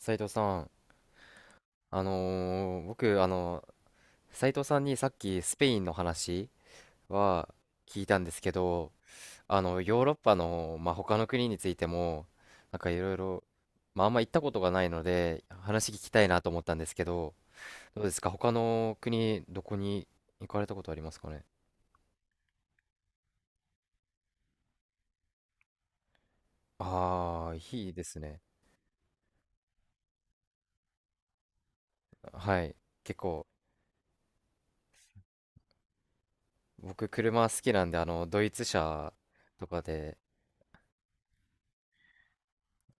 斉藤さん、僕、斉藤さんにさっきスペインの話は聞いたんですけど、ヨーロッパの、まあ、他の国についても、なんかいろいろ、まあ、あんま行ったことがないので、話聞きたいなと思ったんですけど、どうですか、他の国、どこに行かれたことありますかね？ああー、いいですね。はい。結構、僕、車好きなんで、ドイツ車とかで、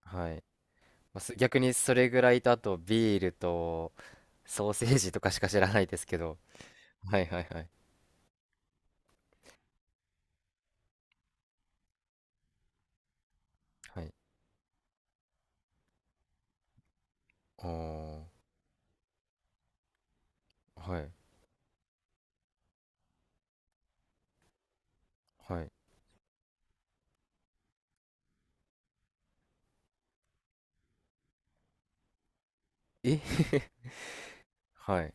はい。まあす逆にそれぐらいと、あとビールと、ソーセージとかしか知らないですけど。はいはいはい。はい。おー、はい、はい。え はい。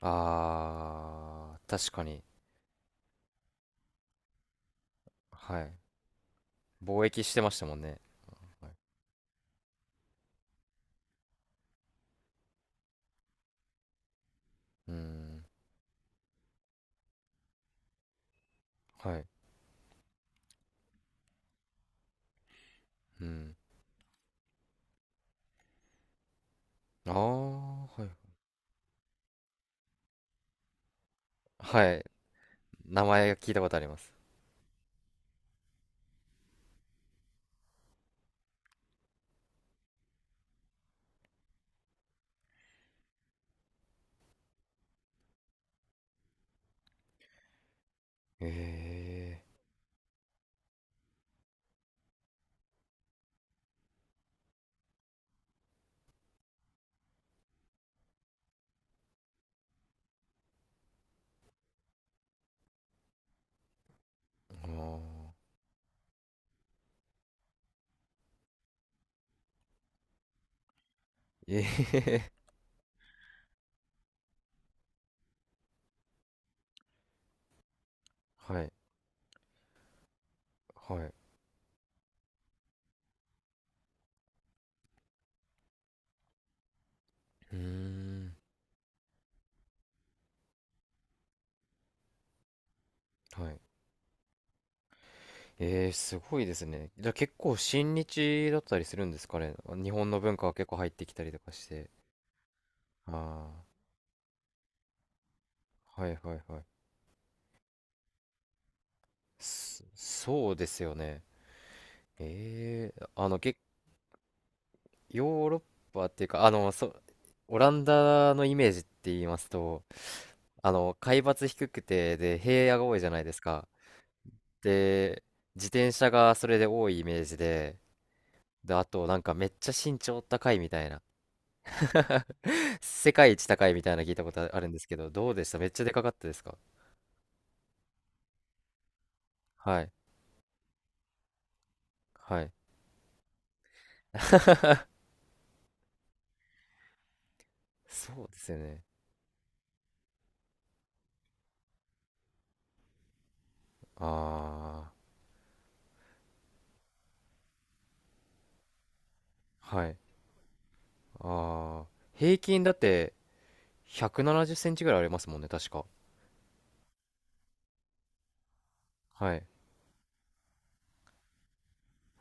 あー、確かに。はい。貿易してましたもんね。はい、うーん、はい。うん。あー、はい。はい。名前聞いたことあります。えー、あー、えー、はい、はい。うーん、はい。えー、すごいですね。じゃあ結構親日だったりするんですかね？日本の文化が結構入ってきたりとかして。ああ、はいはいはい。そそうですよね。ええ、ヨーロッパっていうか、オランダのイメージって言いますと、海抜低くて、で、平野が多いじゃないですか。で、自転車がそれで多いイメージで、あと、なんかめっちゃ身長高いみたいな。世界一高いみたいなの聞いたことあるんですけど、どうでした、めっちゃでかかったですか？はい。はい。そうですよね。ああ。はい。ああ。平均だって170センチぐらいありますもんね、確か。はい。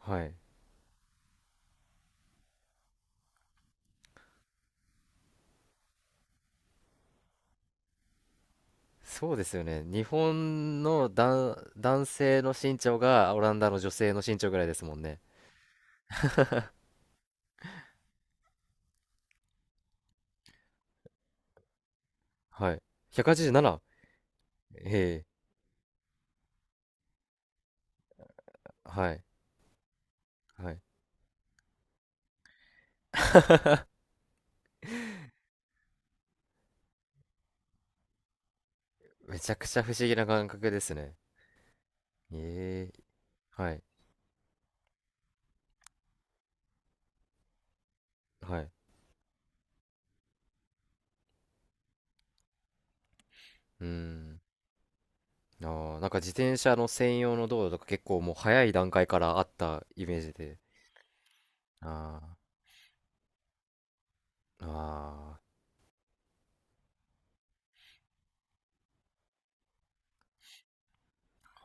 はい。そうですよね。日本の男性の身長がオランダの女性の身長ぐらいですもんね。はい。187？ ええ。はい。はい。めちゃくちゃ不思議な感覚ですね。ええ。はい。はい。うーん。あー、なんか自転車の専用の道路とか結構もう早い段階からあったイメージで。ああ、あ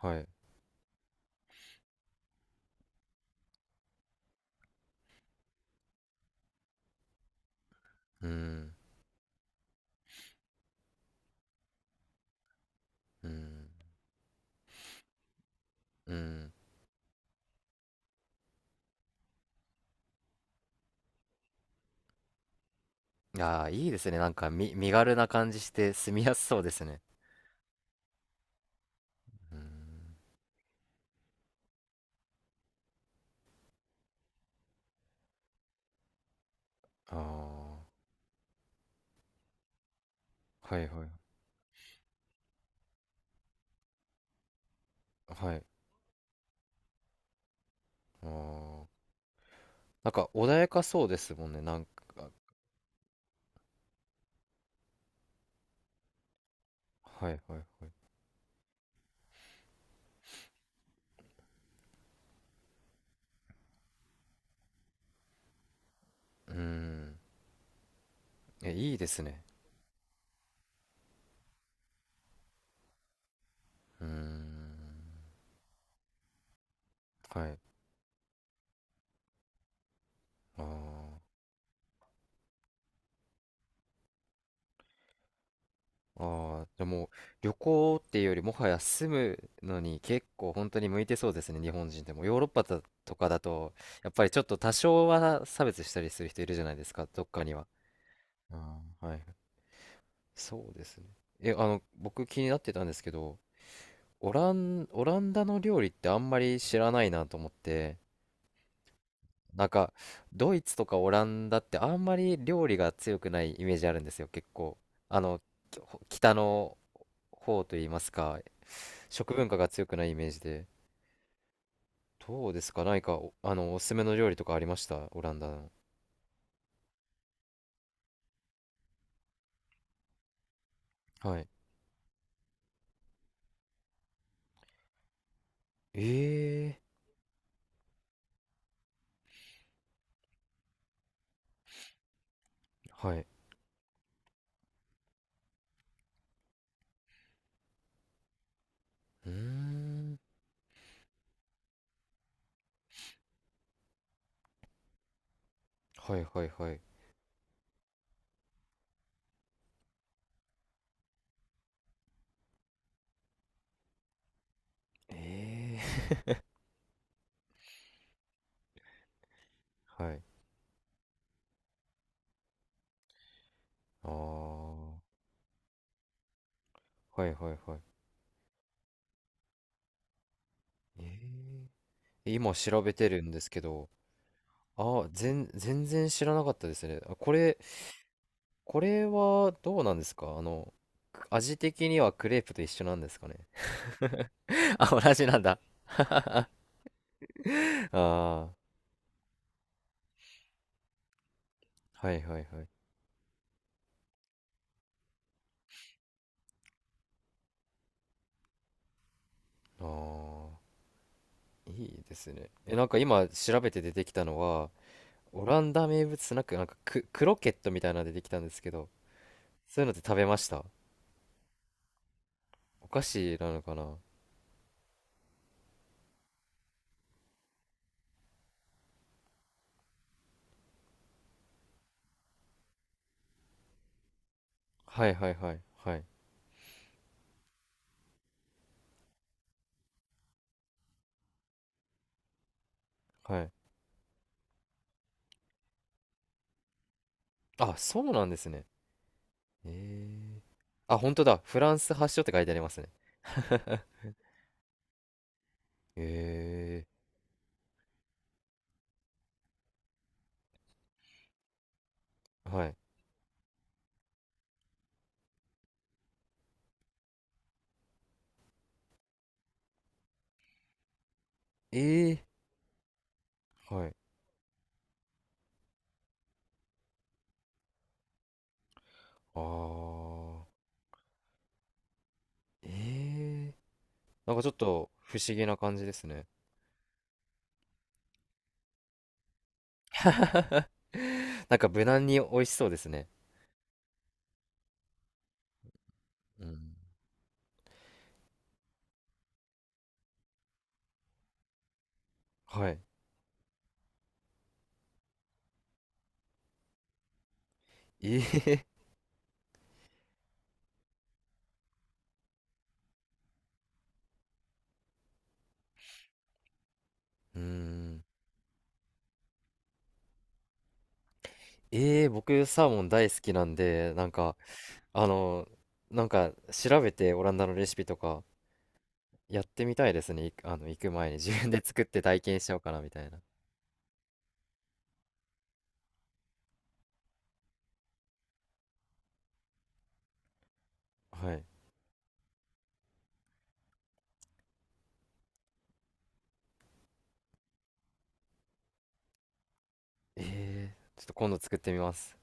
あ、はい。うん、うん、うん。ああ、いいですね。なんか、身軽な感じして住みやすそうですね。うん、ああ、はいはい。はい。ああ、なんか穏やかそうですもんね。なんか、はいはいはい。うん、え、いいですね。うん、はい。ああ。ああ、じゃあもう旅行っていうよりもはや住むのに結構本当に向いてそうですね、日本人でも。ヨーロッパだとかだと、やっぱりちょっと多少は差別したりする人いるじゃないですか、どっかには。ああ、はい。そうですね。え、僕気になってたんですけど、オランダの料理ってあんまり知らないなと思って、なんか、ドイツとかオランダってあんまり料理が強くないイメージあるんですよ、結構。あの、き北の方といいますか、食文化が強くないイメージで。どうですか、何か、おすすめの料理とかありました、オランダの。はい。ええー、はい。うーん。はいはいはい。ええー、はい。ああ、はいはいはい。ええ、今調べてるんですけど、あ、全然知らなかったですね。あ、これはどうなんですか、味的にはクレープと一緒なんですかね？ あ、同じなんだ。ああ、はいはいはい。ああ、いいですね。え、なんか今調べて出てきたのは、オランダ名物スナック、なんか、クロケットみたいなの出てきたんですけど、そういうのって食べました？お菓子なのかな？はいはいはいはいはい。あ、そうなんですね。ええあ、本当だ。フランス発祥って書いてありますね。ええ、はい。ええ、はい。ああ、ええ、なんかちょっと不思議な感じですね。なんか無難に美味しそうですね。うん。はい。ええ うーん。ええ、僕サーモン大好きなんで、なんか、あの、なんか調べてオランダのレシピとかやってみたいですね。行く前に自分で作って体験しようかなみたいな。はい。ええ、ちょっと今度作ってみます。